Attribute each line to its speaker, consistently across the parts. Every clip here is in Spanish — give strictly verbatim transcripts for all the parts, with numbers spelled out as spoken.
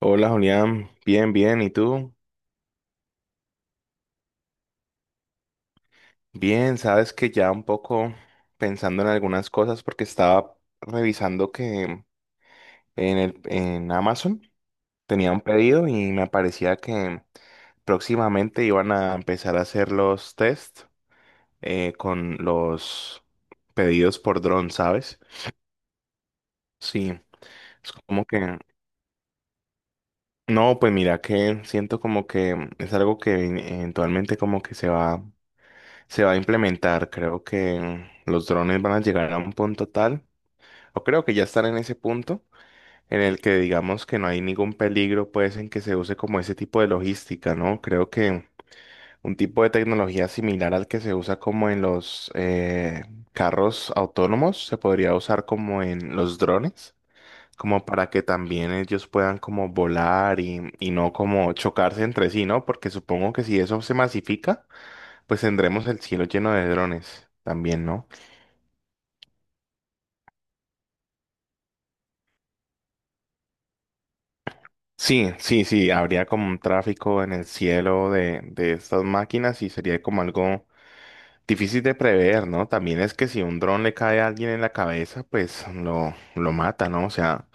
Speaker 1: Hola Julián, bien, bien, ¿y tú? Bien, sabes que ya un poco pensando en algunas cosas porque estaba revisando que en el, en Amazon tenía un pedido y me parecía que próximamente iban a empezar a hacer los test eh, con los pedidos por dron, ¿sabes? Sí, es como que, no, pues mira que siento como que es algo que eventualmente como que se va se va a implementar. Creo que los drones van a llegar a un punto tal, o creo que ya están en ese punto, en el que digamos que no hay ningún peligro, pues, en que se use como ese tipo de logística, ¿no? Creo que un tipo de tecnología similar al que se usa como en los eh, carros autónomos, se podría usar como en los drones, como para que también ellos puedan como volar y, y no como chocarse entre sí, ¿no? Porque supongo que si eso se masifica, pues tendremos el cielo lleno de drones también, ¿no? Sí, sí, sí, habría como un tráfico en el cielo de, de estas máquinas y sería como algo difícil de prever, ¿no? También es que si un dron le cae a alguien en la cabeza, pues lo, lo mata, ¿no? O sea,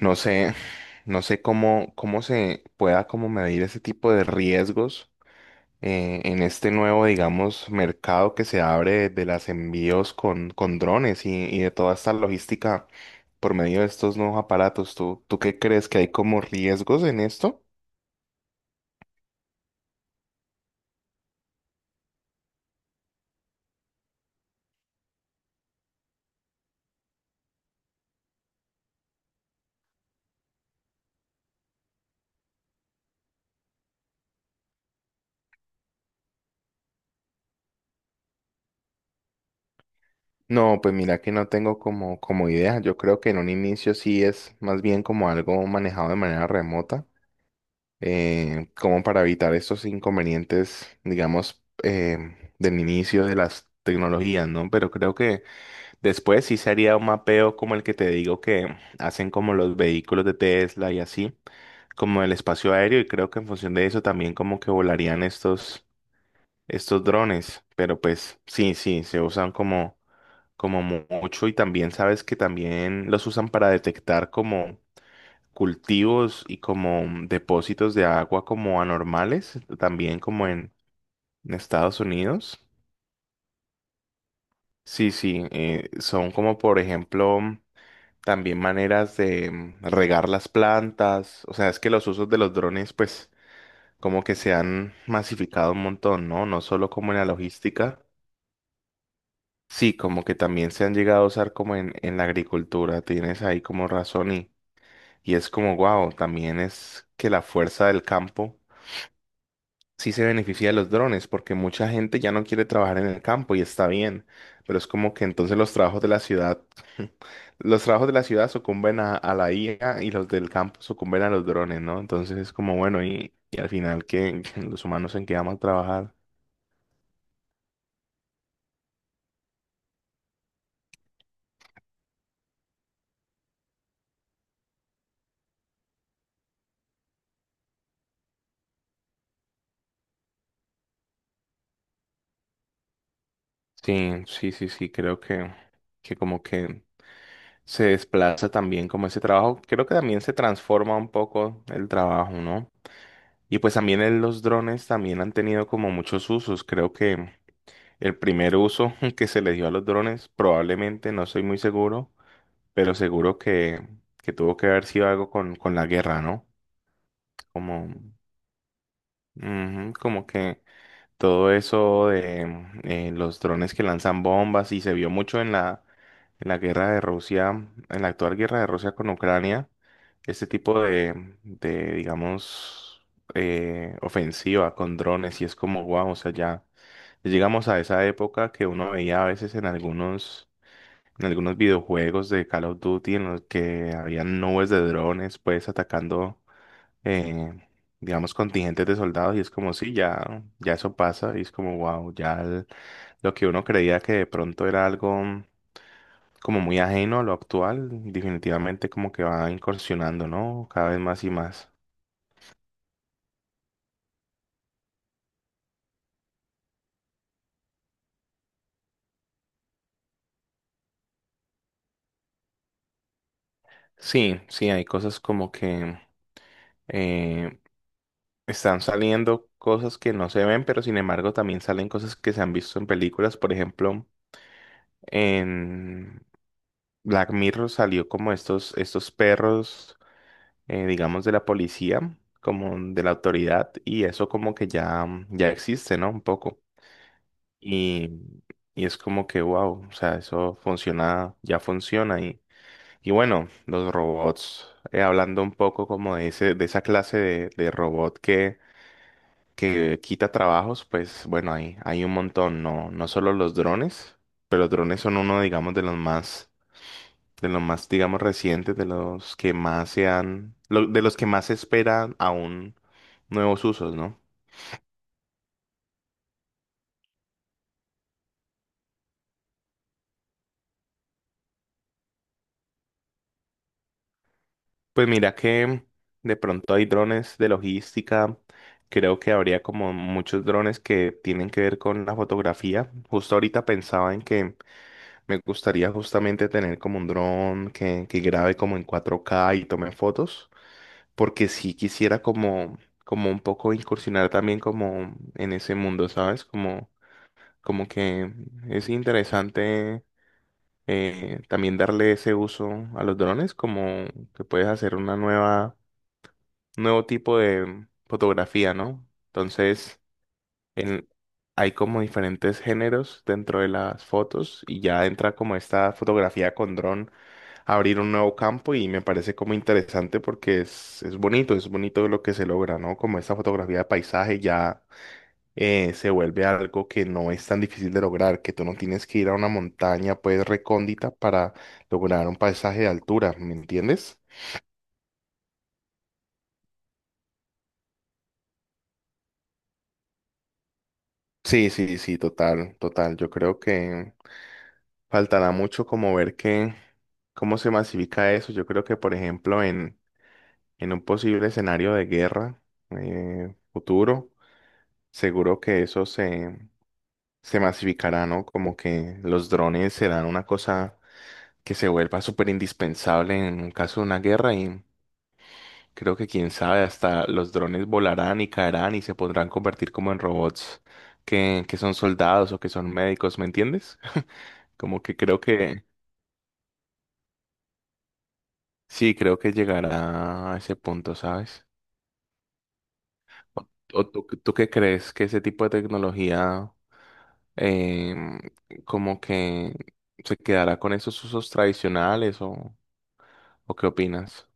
Speaker 1: no sé, no sé cómo, cómo se pueda como medir ese tipo de riesgos eh, en este nuevo, digamos, mercado que se abre de los envíos con, con drones y, y de toda esta logística por medio de estos nuevos aparatos. ¿Tú, tú qué crees que hay como riesgos en esto? No, pues mira que no tengo como, como idea. Yo creo que en un inicio sí es más bien como algo manejado de manera remota, eh, como para evitar estos inconvenientes, digamos, eh, del inicio de las tecnologías, ¿no? Pero creo que después sí sería un mapeo como el que te digo que hacen como los vehículos de Tesla y así, como el espacio aéreo y creo que en función de eso también como que volarían estos estos drones, pero pues sí, sí, se usan como como mu- mucho y también sabes que también los usan para detectar como cultivos y como depósitos de agua como anormales, también como en en Estados Unidos. Sí, sí, eh, son como por ejemplo también maneras de mm, regar las plantas. O sea, es que los usos de los drones, pues, como que se han masificado un montón, ¿no? No solo como en la logística. Sí, como que también se han llegado a usar como en, en la agricultura. Tienes ahí como razón y, y es como, wow, también es que la fuerza del campo sí se beneficia de los drones, porque mucha gente ya no quiere trabajar en el campo y está bien, pero es como que entonces los trabajos de la ciudad, los trabajos de la ciudad sucumben a, a la I A y los del campo sucumben a los drones, ¿no? Entonces es como, bueno, y, y al final que los humanos en qué vamos a trabajar. Sí, sí, sí, sí, creo que, que como que se desplaza también como ese trabajo, creo que también se transforma un poco el trabajo, ¿no? Y pues también el- los drones también han tenido como muchos usos, creo que el primer uso que se le dio a los drones, probablemente, no soy muy seguro, pero seguro que, que tuvo que haber sido algo con, con la guerra, ¿no? Como, ujú, como que todo eso de mm, eh, los drones que lanzan bombas y se vio mucho en la, en la guerra de Rusia, en la actual guerra de Rusia con Ucrania, este tipo de, de digamos, eh, ofensiva con drones y es como, wow, o sea, ya llegamos a esa época que uno veía a veces en algunos en algunos videojuegos de Call of Duty en los que habían nubes de drones, pues atacando, eh, digamos, contingentes de soldados y es como, sí, ya, ya eso pasa y es como, wow, ya el- lo que uno creía que de pronto era algo como muy ajeno a lo actual, definitivamente como que va incursionando, ¿no? Cada vez más y más. Sí, sí, hay cosas como que eh, están saliendo cosas que no se ven, pero sin embargo también salen cosas que se han visto en películas, por ejemplo. En Black Mirror salió como estos, estos perros, eh, digamos, de la policía, como de la autoridad, y eso como que ya, ya existe, ¿no? Un poco. Y, y es como que, wow, o sea, eso funciona, ya funciona. Y, y bueno, los robots, eh, hablando un poco como de ese, de esa clase de, de robot que, que quita trabajos, pues bueno, hay, hay un montón, no, no solo los drones, pero los drones son uno, digamos, de los más de los más, digamos, recientes, de los que más se han, lo- de los que más se esperan aún nuevos usos, ¿no? Pues mira que de pronto hay drones de logística, creo que habría como muchos drones que tienen que ver con la fotografía. Justo ahorita pensaba en que me gustaría justamente tener como un dron que, que grabe como en cuatro k y tome fotos, porque sí quisiera como, como un poco incursionar también como en ese mundo, ¿sabes? Como como que es interesante eh, también darle ese uso a los drones, como que puedes hacer una nueva, nuevo tipo de fotografía, ¿no? Entonces, en- hay como diferentes géneros dentro de las fotos y ya entra como esta fotografía con dron a abrir un nuevo campo y me parece como interesante porque es, es bonito, es bonito lo que se logra, ¿no? Como esta fotografía de paisaje ya eh, se vuelve algo que no es tan difícil de lograr, que tú no tienes que ir a una montaña pues recóndita para lograr un paisaje de altura, ¿me entiendes? Sí, sí, sí, total, total. Yo creo que faltará mucho como ver que, cómo se masifica eso. Yo creo que, por ejemplo, en, en un posible escenario de guerra eh, futuro, seguro que eso se, se masificará, ¿no? Como que los drones serán una cosa que se vuelva súper indispensable en caso de una guerra y creo que quién sabe, hasta los drones volarán y caerán y se podrán convertir como en robots que, que son soldados o que son médicos, ¿me entiendes? Como que creo que sí, creo que llegará a ese punto, ¿sabes? ¿O, o tú, tú qué crees que ese tipo de tecnología em, como que se quedará con esos usos tradicionales o, o qué opinas?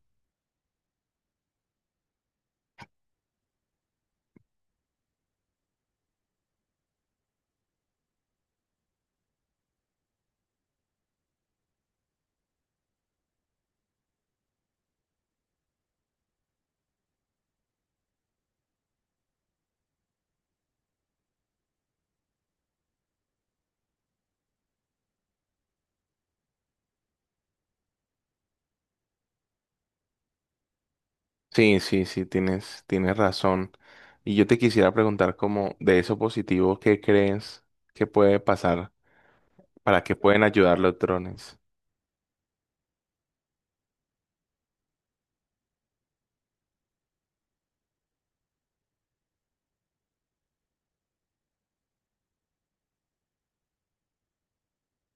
Speaker 1: Sí, sí, sí, tienes, tienes razón. Y yo te quisiera preguntar como de esos positivos, ¿qué crees que puede pasar? ¿Para qué pueden ayudar los drones?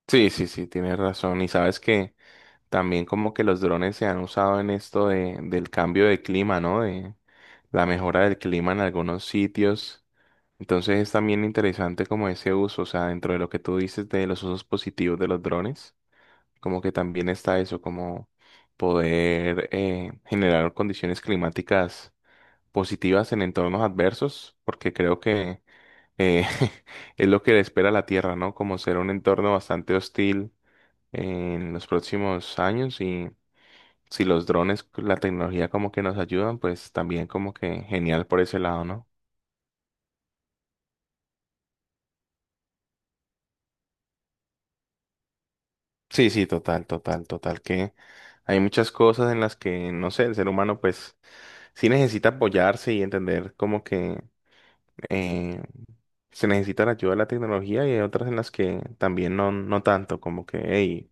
Speaker 1: Sí, sí, sí, tienes razón. Y sabes que también como que los drones se han usado en esto de, del cambio de clima, ¿no? De la mejora del clima en algunos sitios. Entonces es también interesante como ese uso, o sea, dentro de lo que tú dices de los usos positivos de los drones. Como que también está eso, como poder eh, generar condiciones climáticas positivas en entornos adversos, porque creo que eh, es lo que le espera a la Tierra, ¿no? Como ser un entorno bastante hostil en los próximos años y si los drones, la tecnología como que nos ayudan, pues también como que genial por ese lado, ¿no? Sí, sí, total, total, total, que hay muchas cosas en las que, no sé, el ser humano pues sí necesita apoyarse y entender como que eh, se necesita la ayuda de la tecnología y hay otras en las que también no, no tanto, como que, hey,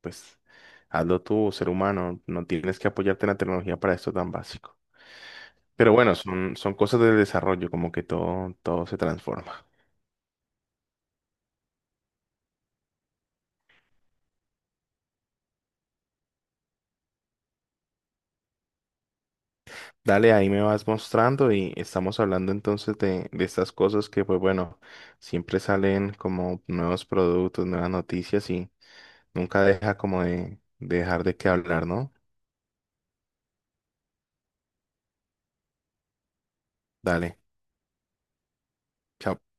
Speaker 1: pues hazlo tú, ser humano, no tienes que apoyarte en la tecnología para esto tan básico. Pero bueno, son, son cosas del desarrollo, como que todo, todo se transforma. Dale, ahí me vas mostrando y estamos hablando entonces de, de estas cosas que, pues bueno, siempre salen como nuevos productos, nuevas noticias y nunca deja como de, de dejar de qué hablar, ¿no? Dale, chao.